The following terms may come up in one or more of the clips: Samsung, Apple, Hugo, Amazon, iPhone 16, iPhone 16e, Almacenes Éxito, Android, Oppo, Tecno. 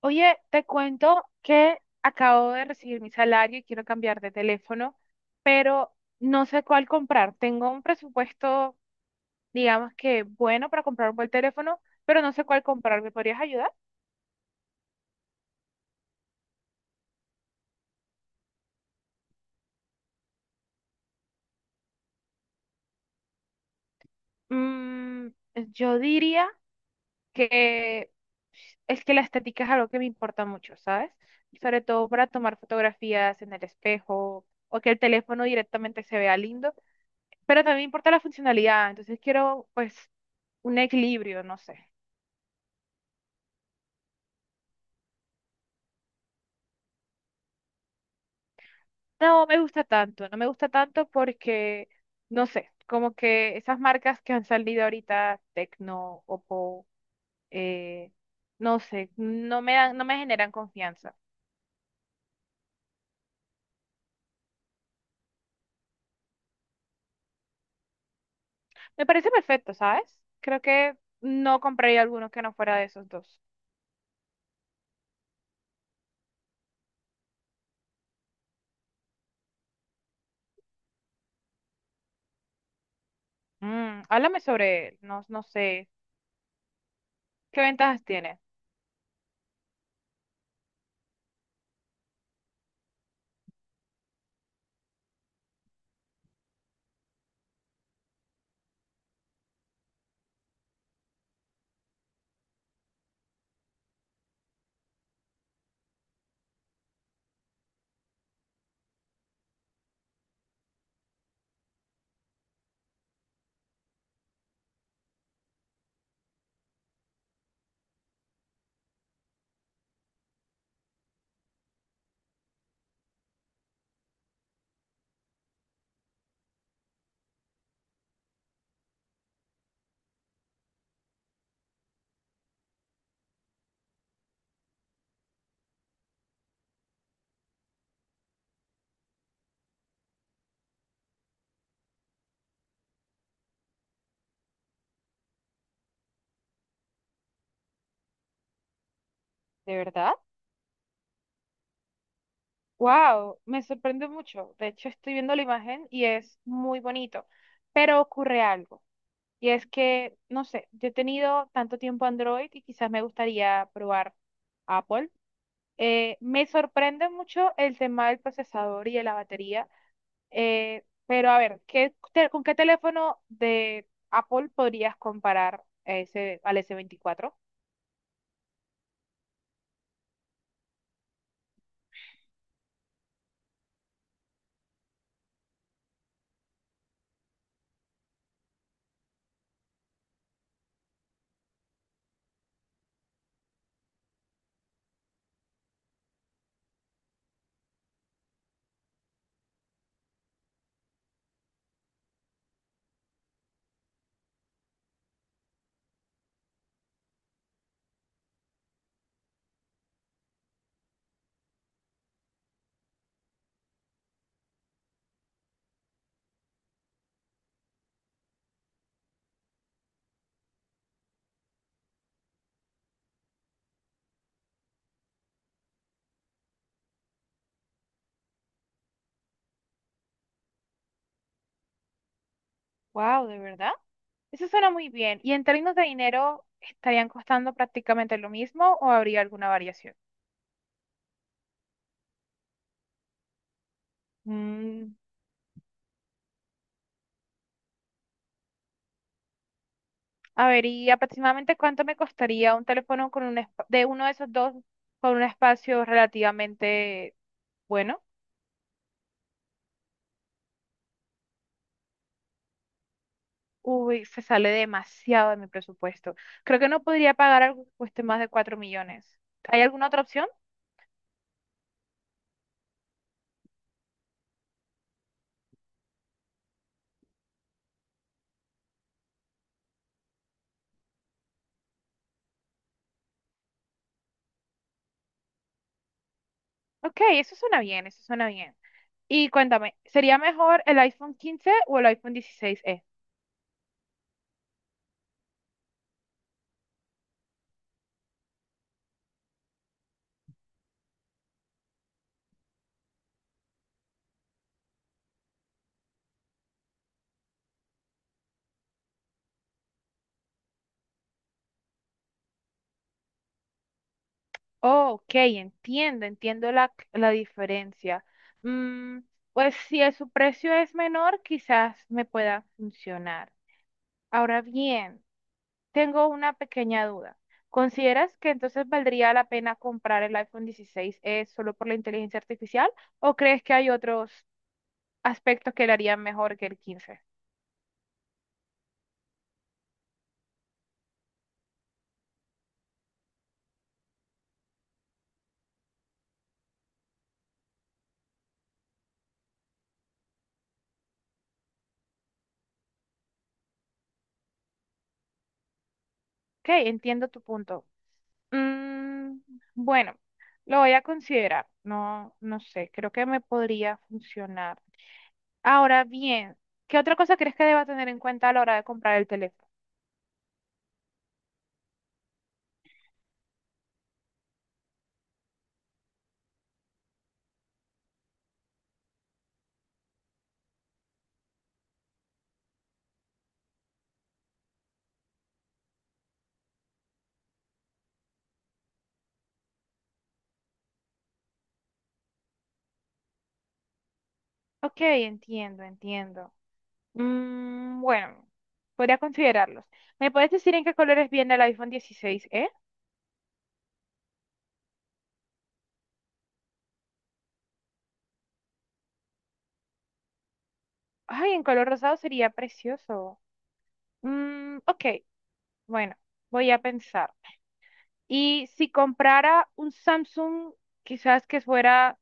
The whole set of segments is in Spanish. Oye, te cuento que acabo de recibir mi salario y quiero cambiar de teléfono, pero no sé cuál comprar. Tengo un presupuesto, digamos que bueno para comprar un buen teléfono, pero no sé cuál comprar. ¿Me podrías ayudar? Mm, yo diría que es que la estética es algo que me importa mucho, ¿sabes? Sobre todo para tomar fotografías en el espejo o que el teléfono directamente se vea lindo, pero también importa la funcionalidad, entonces quiero pues un equilibrio, no sé. No me gusta tanto, no me gusta tanto porque, no sé, como que esas marcas que han salido ahorita, Tecno, Oppo, eh, no sé, no me dan, no me generan confianza. Me parece perfecto, ¿sabes? Creo que no compraría alguno que no fuera de esos dos. Háblame sobre él, no, no sé, ¿qué ventajas tiene? ¿De verdad? Wow, me sorprende mucho. De hecho, estoy viendo la imagen y es muy bonito, pero ocurre algo. Y es que, no sé, yo he tenido tanto tiempo Android y quizás me gustaría probar Apple. Me sorprende mucho el tema del procesador y de la batería, pero a ver, ¿con qué teléfono de Apple podrías comparar ese, al S24? Wow, ¿de verdad? Eso suena muy bien. ¿Y en términos de dinero, estarían costando prácticamente lo mismo o habría alguna variación? Mm. A ver, ¿y aproximadamente cuánto me costaría un teléfono con un de uno de esos dos con un espacio relativamente bueno? Uy, se sale demasiado de mi presupuesto. Creo que no podría pagar algo que cueste más de 4 millones. ¿Hay alguna otra opción? Ok, eso suena bien, eso suena bien. Y cuéntame, ¿sería mejor el iPhone 15 o el iPhone 16e? Oh, ok, entiendo, entiendo la diferencia. Mm, pues si su precio es menor, quizás me pueda funcionar. Ahora bien, tengo una pequeña duda. ¿Consideras que entonces valdría la pena comprar el iPhone 16e solo por la inteligencia artificial o crees que hay otros aspectos que le harían mejor que el 15? Ok, entiendo tu punto. Mm, bueno, lo voy a considerar. No, no sé, creo que me podría funcionar. Ahora bien, ¿qué otra cosa crees que deba tener en cuenta a la hora de comprar el teléfono? Ok, entiendo, entiendo. Bueno, podría considerarlos. ¿Me puedes decir en qué colores viene el iPhone 16e? Ay, en color rosado sería precioso. Ok, bueno, voy a pensar. Y si comprara un Samsung, quizás que fuera,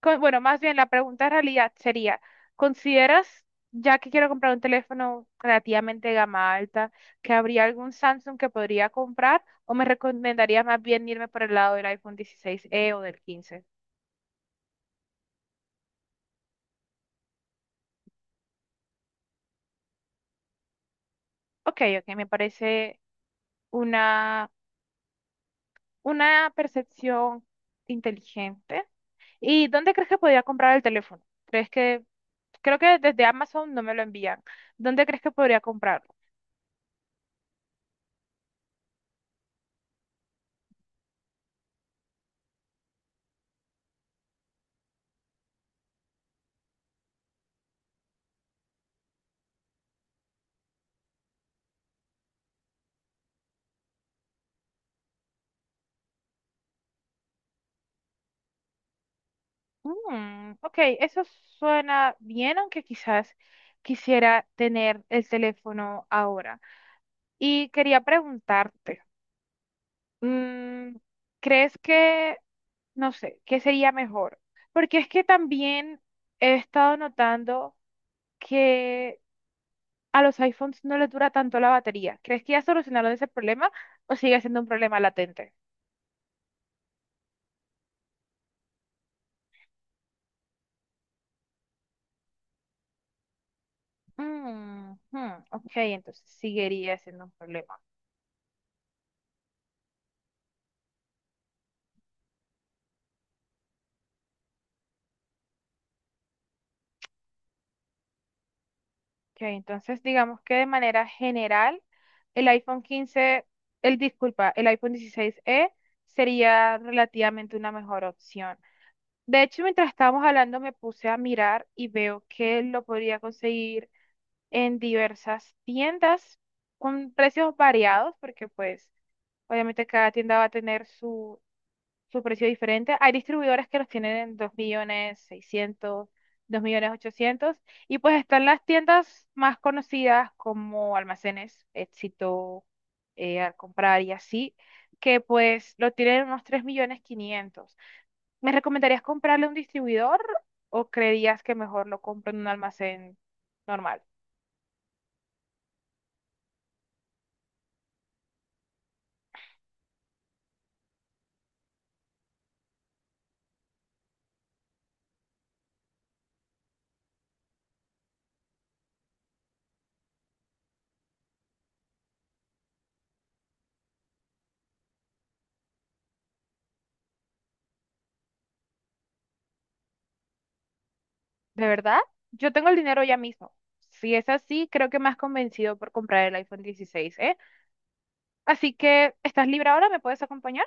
bueno, más bien la pregunta en realidad sería, ¿consideras, ya que quiero comprar un teléfono relativamente de gama alta, que habría algún Samsung que podría comprar o me recomendarías más bien irme por el lado del iPhone 16e o del 15? Ok, ok, me parece una, una percepción inteligente. ¿Y dónde crees que podría comprar el teléfono? ¿Crees que, creo que desde Amazon no me lo envían? ¿Dónde crees que podría comprarlo? Ok, eso suena bien, aunque quizás quisiera tener el teléfono ahora. Y quería preguntarte, mm, ¿crees que, no sé, qué sería mejor? Porque es que también he estado notando que a los iPhones no les dura tanto la batería. ¿Crees que ya solucionaron ese problema o sigue siendo un problema latente? Mm, hmm, ok, entonces seguiría siendo un problema. Ok, entonces digamos que de manera general, el iPhone 15, el disculpa, el iPhone 16e sería relativamente una mejor opción. De hecho, mientras estábamos hablando, me puse a mirar y veo que lo podría conseguir en diversas tiendas con precios variados, porque pues obviamente cada tienda va a tener su precio diferente. Hay distribuidores que los tienen en 2 millones 600, 2 millones 800, y pues están las tiendas más conocidas como Almacenes, Éxito, al comprar y así, que pues lo tienen en unos 3 millones 500. ¿Me recomendarías comprarle a un distribuidor o creerías que mejor lo compro en un almacén normal? ¿De verdad? Yo tengo el dinero ya mismo. Si es así, creo que me has convencido por comprar el iPhone 16, ¿eh? Así que, ¿estás libre ahora? ¿Me puedes acompañar?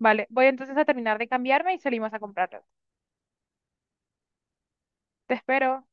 Vale, voy entonces a terminar de cambiarme y salimos a comprarlo. Te espero.